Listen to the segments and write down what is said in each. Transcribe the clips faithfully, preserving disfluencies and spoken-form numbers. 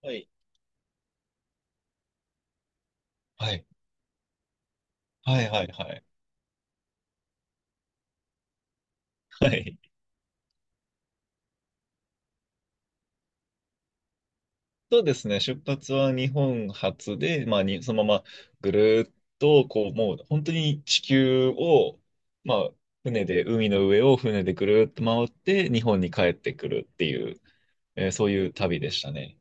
はい。はい。はい、はい、はい。はい。そうですね。出発は日本初で、まあ、に、そのままぐるーっと、こう、もう本当に地球を、まあ、船で、海の上を船でぐるーっと回って、日本に帰ってくるっていう、えーそういう旅でしたね。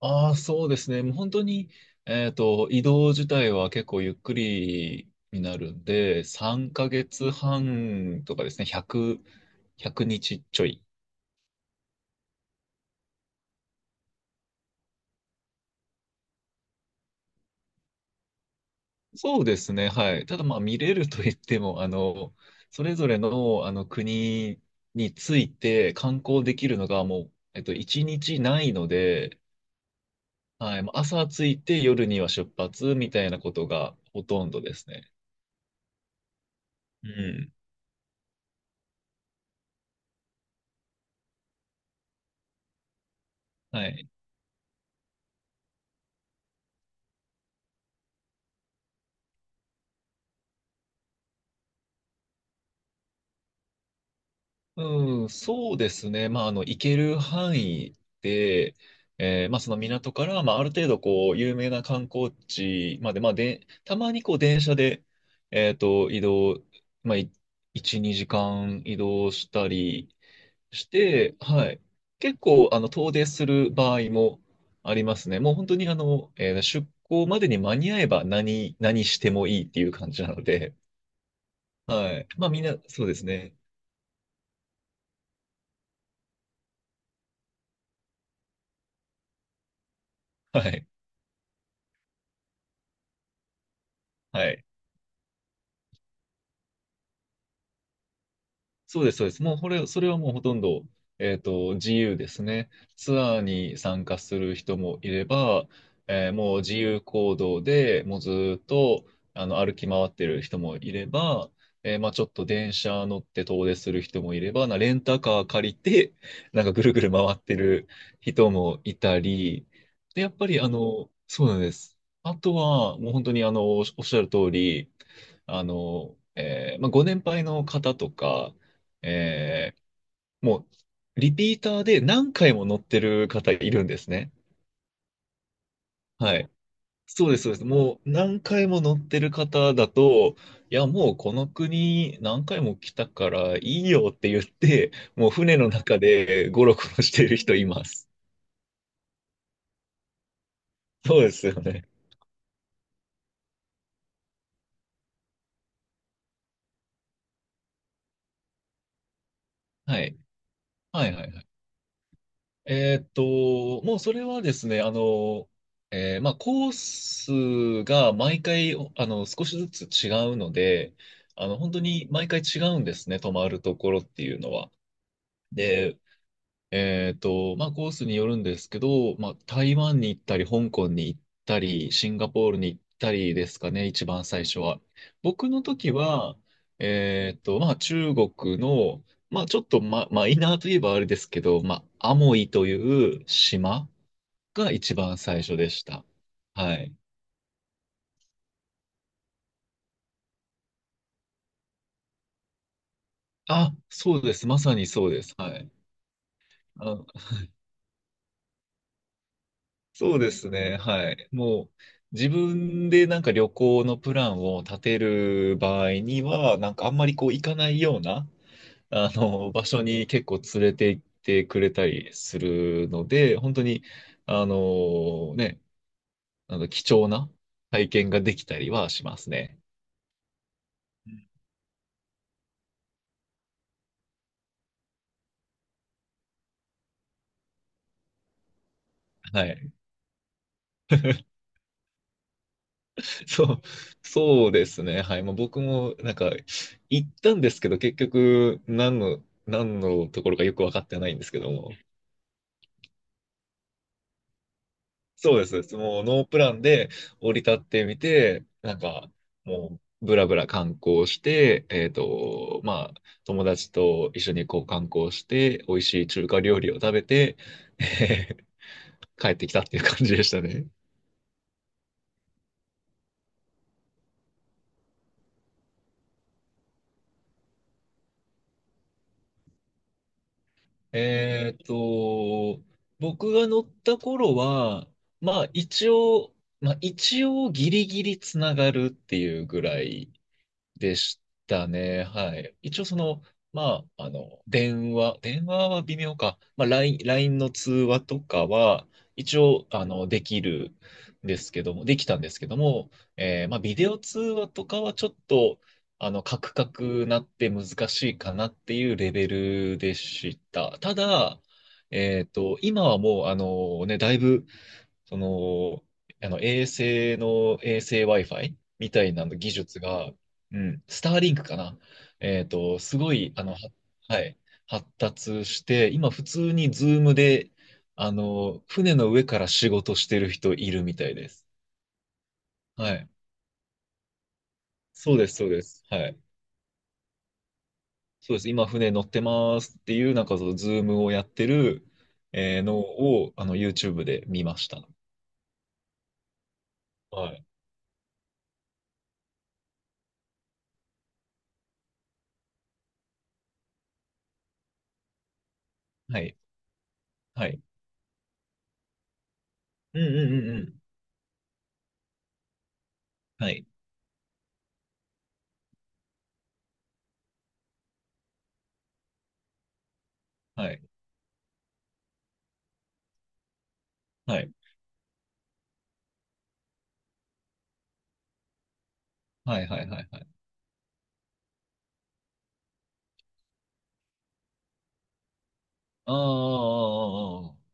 ああ、そうですね。もう本当に、えっと、移動自体は結構ゆっくりになるんで、さんかげつはんとかですね、いち れい ひゃくにちちちょい。そうですね、はい。ただまあ見れると言っても、あの、それぞれの、あの国について観光できるのがもう、えっと、いちにちないので、はい、もう朝着いて夜には出発みたいなことがほとんどですね。うん。はい。うん、そうですね。まあ、あの、行ける範囲で、えーまあ、その港から、まあ、ある程度、こう、有名な観光地まで、まあ、で、たまに、こう、電車で、えっと、移動、まあ、いいち、にじかん移動したりして、はい。結構、あの、遠出する場合もありますね。もう本当に、あの、えー出港までに間に合えば何、何してもいいっていう感じなので、はい。まあ、みんな、そうですね。はい。はい。そうです、そうです。もうこれ、それはもうほとんど、えっと、自由ですね。ツアーに参加する人もいれば、えーもう自由行動でもうずーっとあの歩き回ってる人もいれば、えーまあ、ちょっと電車乗って遠出する人もいれば、なレンタカー借りて、なんかぐるぐる回ってる人もいたり、で、やっぱりあの、そうなんです。あとは、もう本当にあの、おっしゃる通り、あの、えーまあ、ご年配の方とか、えー、もう、リピーターで何回も乗ってる方いるんですね。はい。そうです、そうです。もう何回も乗ってる方だと、いや、もうこの国何回も来たからいいよって言って、もう船の中でゴロゴロしてる人います。そうですよね。はい。はいはいはい。えーっと、もうそれはですね、あの、えーまあ、コースが毎回、あの、少しずつ違うので、あの、本当に毎回違うんですね、泊まるところっていうのは。で、えっと、まあ、コースによるんですけど、まあ、台湾に行ったり、香港に行ったり、シンガポールに行ったりですかね、一番最初は。僕の時は、えっと、まあ、中国の、まあ、ちょっと、ま、マイナーといえばあれですけど、まあ、アモイという島が一番最初でした。はい。あ、そうです。まさにそうです。はい。あそうですね。はい。もう、自分でなんか旅行のプランを立てる場合には、なんかあんまりこう行かないような、あの、場所に結構連れて行ってくれたりするので、本当に、あの、ね、あの、貴重な体験ができたりはしますね。はい。そう、そうですね。はい。まあ、僕もなんか行ったんですけど、結局何の、何のところかよく分かってないんですけども、そうです。もうノープランで降り立ってみて、なんかもうブラブラ観光して、えっと、まあ友達と一緒にこう観光して、美味しい中華料理を食べて、えー帰ってきたっていう感じでしたね。えっと、僕が乗った頃は、まあ一応、まあ一応ギリギリつながるっていうぐらいでしたね。はい。一応その、まあ、あの、電話、電話は微妙か。まあ、ラインラインの通話とかは、一応、あの、できるんですけども、できたんですけども、えーまあ、ビデオ通話とかはちょっと、あの、カクカクなって難しいかなっていうレベルでした。ただ、えっと、今はもう、あのね、だいぶその、あの衛星の衛星 Wi-Fi みたいな技術が、うん、スターリンクかな。えっと、すごい、あの、ははい、発達して、今普通にズームで、あの、船の上から仕事してる人いるみたいです。はい。そうです、そうです。はい。そうです。今船乗ってますっていう、なんかそのズームをやってる、えーのを、あの、YouTube で見ました。はい。はい。はい。うんうんうんうん。はい。はい。はい。はいはいはいはい。ああ、ああ、ああ。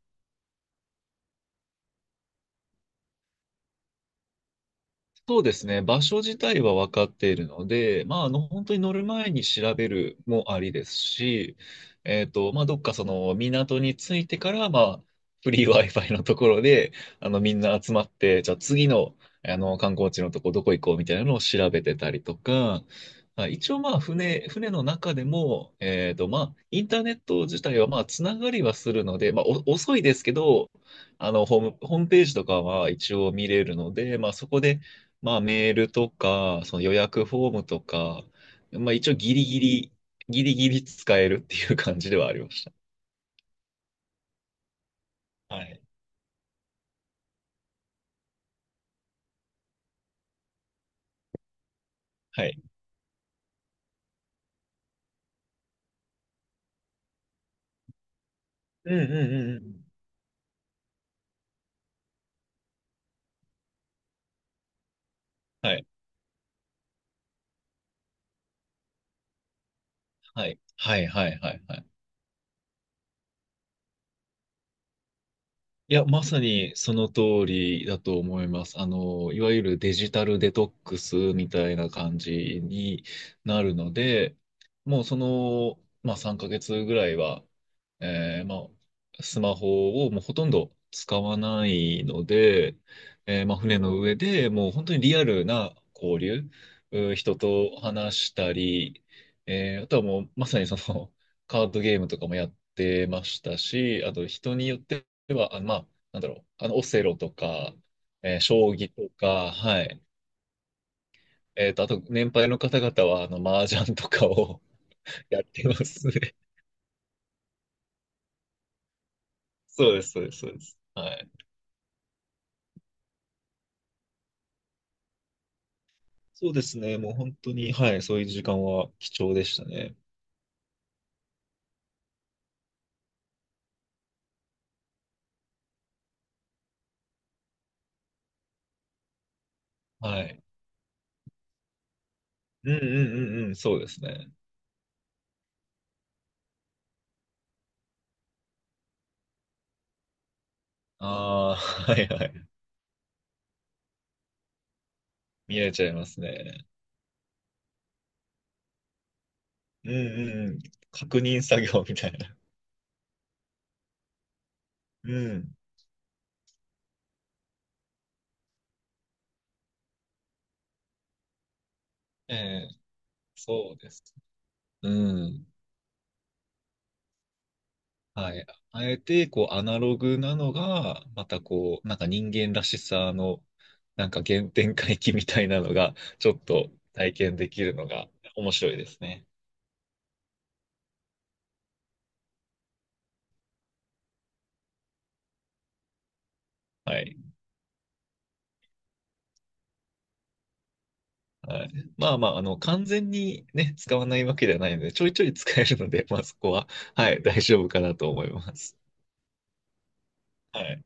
そうですね。場所自体は分かっているので、まあ、あの、本当に乗る前に調べるもありですし、えっと、まあ、どっかその港に着いてから、まあ、フリー Wi-Fi のところで、あの、みんな集まって、じゃあ次の、あの、観光地のとこどこ行こうみたいなのを調べてたりとか、まあ一応まあ、船、船の中でも、えっと、まあ、インターネット自体はまあ、つながりはするので、まあ、お遅いですけど、あの、ホーム、ホームページとかは一応見れるので、まあ、そこで、まあメールとか、その予約フォームとか、まあ一応ギリギリ、ギリギリ使えるっていう感じではありました。はい。はい。うんうんうんうん。はい。はい。はいはいはいはい。いや、まさにその通りだと思います。あの、いわゆるデジタルデトックスみたいな感じになるので、もうその、まあさんかげつぐらいは、えーまあ、スマホをもうほとんど使わないので、えーまあ船の上でもう本当にリアルな交流、うー人と話したり、えーあとはもうまさにその カードゲームとかもやってましたし、あと人によってでは、あまあ、なんだろう、あの、オセロとか、えー将棋とか、はい。えっと、あと、年配の方々は、あの、麻雀とかを やってますね。そうです、そうです、そうです。はい。そうですね、もう本当に、はい、そういう時間は貴重でしたね。はい。うんうんうんうん、そうですね。ああ、はいはい。見えちゃいますね。うんうんうん。確認作業みたいな。うん。ええ、そうです。うん。はい。あえて、こう、アナログなのが、またこう、なんか人間らしさの、なんか原点回帰みたいなのが、ちょっと体験できるのが面白いですね。はい。はい。まあまあ、あの、完全にね、使わないわけではないので、ちょいちょい使えるので、まあそこは、はい、大丈夫かなと思います。はい。